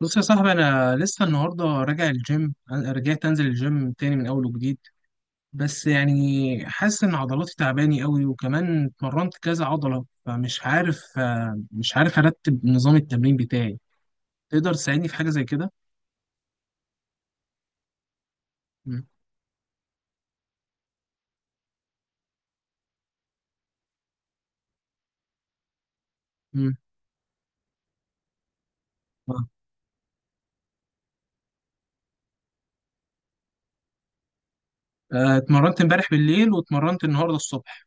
بص يا صاحبي، انا لسه النهارده راجع الجيم، رجعت انزل الجيم تاني من اول وجديد. بس يعني حاسس ان عضلاتي تعباني قوي وكمان اتمرنت كذا عضله، فمش عارف آه، مش عارف ارتب نظام التمرين بتاعي. تقدر تساعدني في حاجه زي كده؟ مم. مم. آه. اتمرنت امبارح بالليل واتمرنت النهارده الصبح.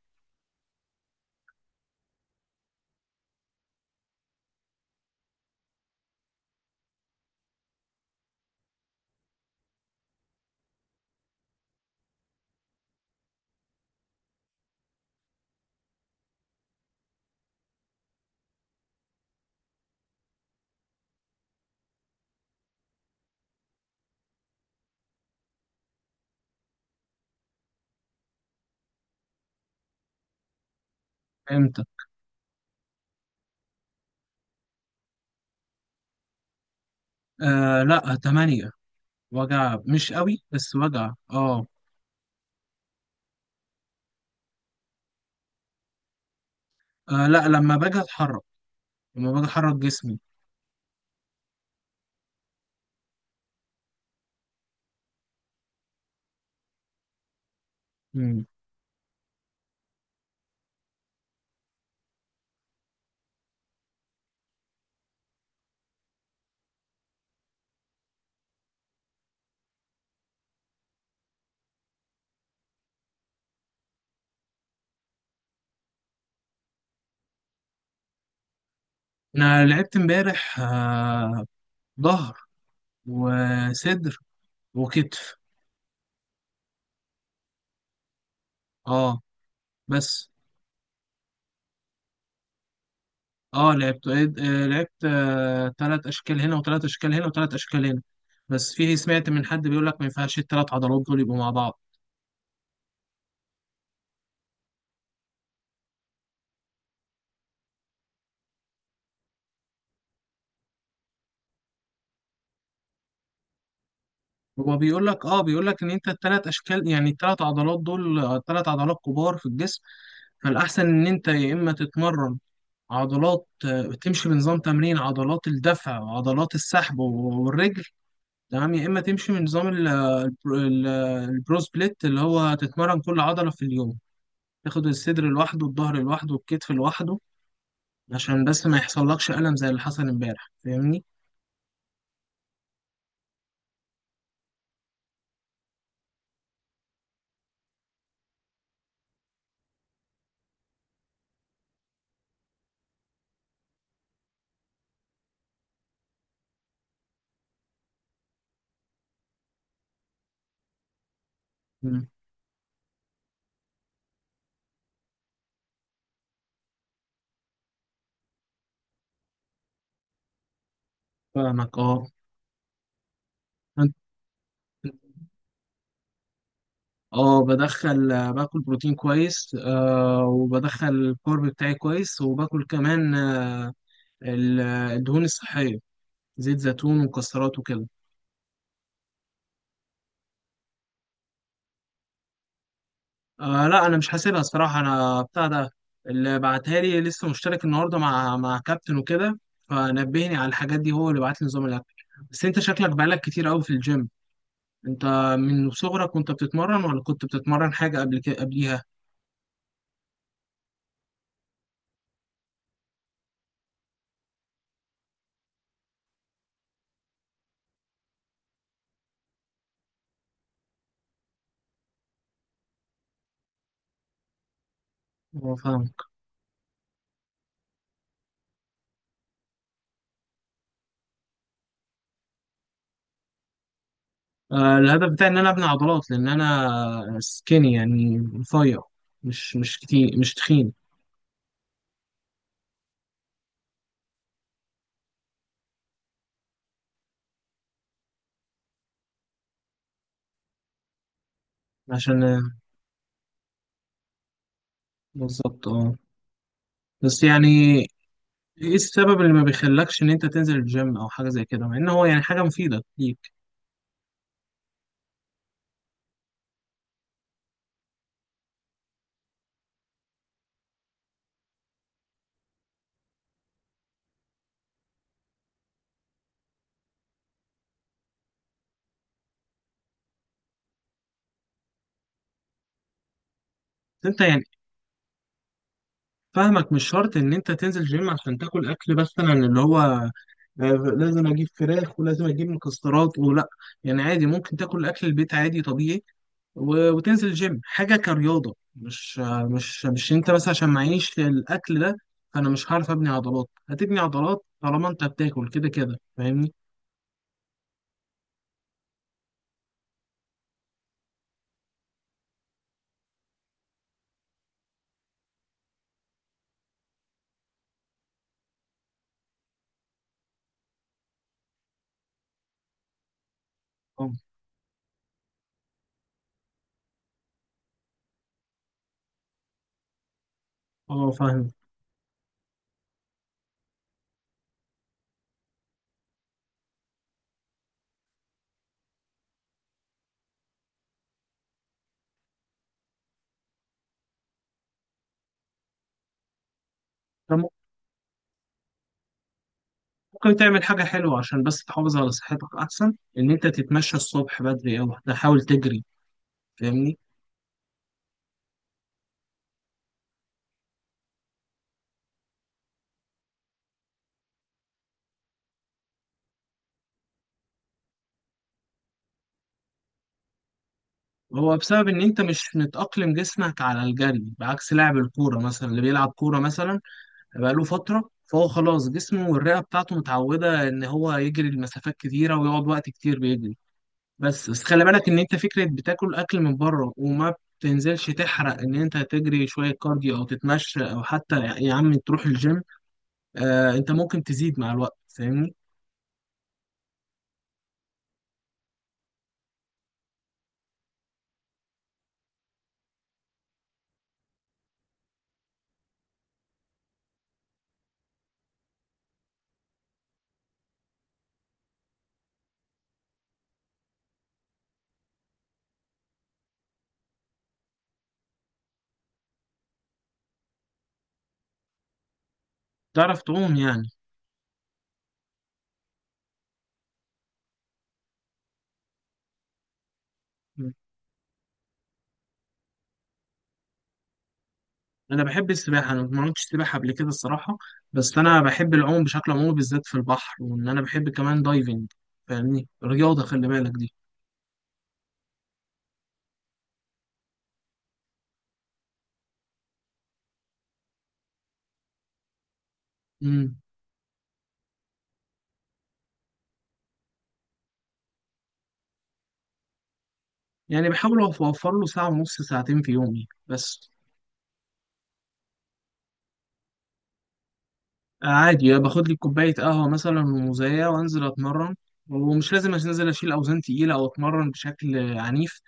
امتى؟ آه لا، 8. وجع مش قوي بس وجع آه، لا، لما باجي احرك جسمي. مم. انا لعبت امبارح، ظهر وصدر وكتف. اه، بس اه لعبت آه لعبت تلات اشكال هنا وتلات اشكال هنا وتلات اشكال هنا. بس فيه، سمعت من حد بيقول لك ما ينفعش التلات عضلات دول يبقوا مع بعض. هو بيقول لك ان انت التلات اشكال، يعني التلات عضلات دول تلات عضلات كبار في الجسم. فالاحسن ان انت يا اما تتمرن عضلات، تمشي بنظام تمرين عضلات الدفع وعضلات السحب والرجل، تمام؟ يا اما تمشي من نظام البرو البرو سبليت، اللي هو تتمرن كل عضله في اليوم، تاخد الصدر لوحده والظهر لوحده والكتف لوحده، عشان بس ما يحصلكش الم زي اللي حصل امبارح، فاهمني؟ مم. فاهمك اه. أنت- اه بدخل، باكل بروتين كويس، وبدخل الكارب بتاعي كويس، وباكل كمان الدهون الصحيه، زيت زيتون ومكسرات وكده. آه لا، انا مش حاسبها الصراحه، انا بتاع ده اللي بعتها لي، لسه مشترك النهارده مع كابتن وكده، فنبهني على الحاجات دي، هو اللي بعت لي نظام الاكل. بس انت شكلك بقالك كتير قوي في الجيم، انت من صغرك وانت بتتمرن ولا كنت بتتمرن حاجه قبل كده قبليها؟ اه فاهم. الهدف بتاعي ان انا ابني عضلات، لان انا سكيني يعني رفيع، مش كتير، مش تخين. عشان. بالظبط اه. بس يعني، ايه السبب اللي ما بيخلكش ان انت تنزل الجيم او حاجه زي كده، مع ان هو يعني حاجه مفيده ليك؟ بس انت يعني، فاهمك، مش شرط ان انت تنزل جيم عشان تاكل اكل، مثلا اللي هو لازم اجيب فراخ ولازم اجيب مكسرات ولا. يعني عادي، ممكن تاكل اكل البيت عادي طبيعي وتنزل جيم حاجه كرياضه، مش آه، مش مش انت بس عشان معيش الاكل ده فانا مش هعرف ابني عضلات. هتبني عضلات طالما انت بتاكل كده كده، فاهمني؟ اه، اه فاهم. ممكن تعمل حاجة حلوة عشان بس تحافظ على صحتك، أحسن إن أنت تتمشى الصبح بدري أو تحاول تجري، فاهمني؟ هو بسبب إن أنت مش متأقلم جسمك على الجري، بعكس لاعب الكورة مثلا، اللي بيلعب كورة مثلا بقاله فترة، فهو خلاص جسمه والرئة بتاعته متعودة إن هو يجري لمسافات كتيرة ويقعد وقت كتير بيجري. بس بس خلي بالك إن أنت، فكرة بتاكل أكل من بره وما بتنزلش تحرق، إن أنت تجري شوية كارديو أو تتمشى أو حتى يا عم تروح الجيم، آه أنت ممكن تزيد مع الوقت، فاهمني؟ تعرف تعوم يعني؟ مم. انا بحب السباحه، انا ما عملتش سباحه قبل كده الصراحه، بس انا بحب العوم بشكل عمومي، بالذات في البحر، وان انا بحب كمان دايفنج، فاهمني؟ رياضه خلي بالك دي. امم. يعني بحاول اوفر له ساعه ونص، ساعتين في يومي بس. عادي، باخد لي كوبايه قهوه مثلا وموزايه وانزل اتمرن، ومش لازم انزل اشيل اوزان تقيله او اتمرن بشكل عنيف،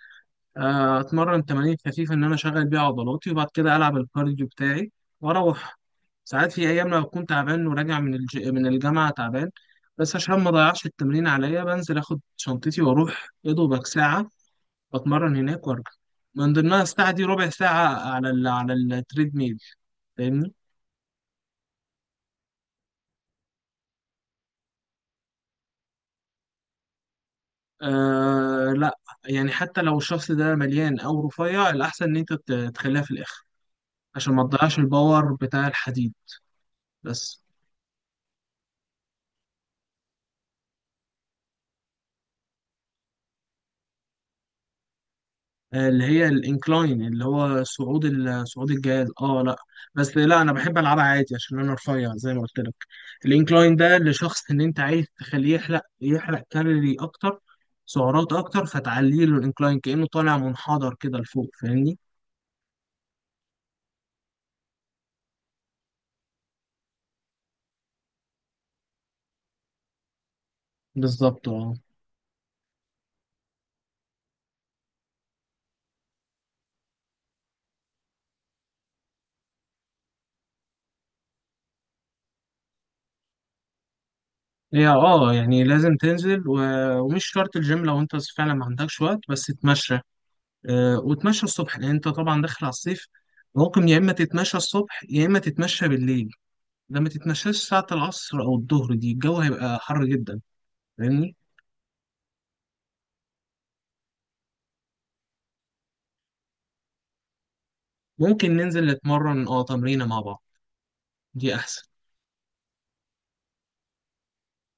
اتمرن تمارين خفيفه ان انا اشغل بيها عضلاتي، وبعد كده العب الكارديو بتاعي واروح. ساعات في ايام لو كنت تعبان وراجع من الجامعه تعبان، بس عشان ما اضيعش التمرين عليا، بنزل اخد شنطتي واروح يا دوبك ساعه، بتمرن هناك وارجع، من ضمنها الساعه دي ربع ساعه على التريد ميل، فاهمني؟ آه لا، يعني حتى لو الشخص ده مليان او رفيع، الاحسن ان انت تخليها في الاخر عشان ما تضيعش الباور بتاع الحديد. بس، اللي هي الانكلاين، اللي هو صعود صعود الجهاز. اه لا، بس لا انا بحب العبها عادي عشان انا رفيع زي ما قلت لك. الانكلاين ده لشخص ان انت عايز تخليه يحرق، يحرق كالوري اكتر، سعرات اكتر، فتعلي له الانكلاين كانه طالع منحدر كده لفوق، فاهمني؟ بالظبط اه. هي اه، يعني لازم تنزل ومش شرط الجيم، لو انت فعلا ما عندكش وقت بس تتمشى، وتمشى الصبح لان انت طبعا داخل على الصيف. ممكن يا اما تتمشى الصبح يا اما تتمشى بالليل. ده ما تتنساش، ساعة العصر أو الظهر دي الجو هيبقى حر جدا، فاهمني؟ ممكن ننزل نتمرن تمرينة مع بعض، دي أحسن.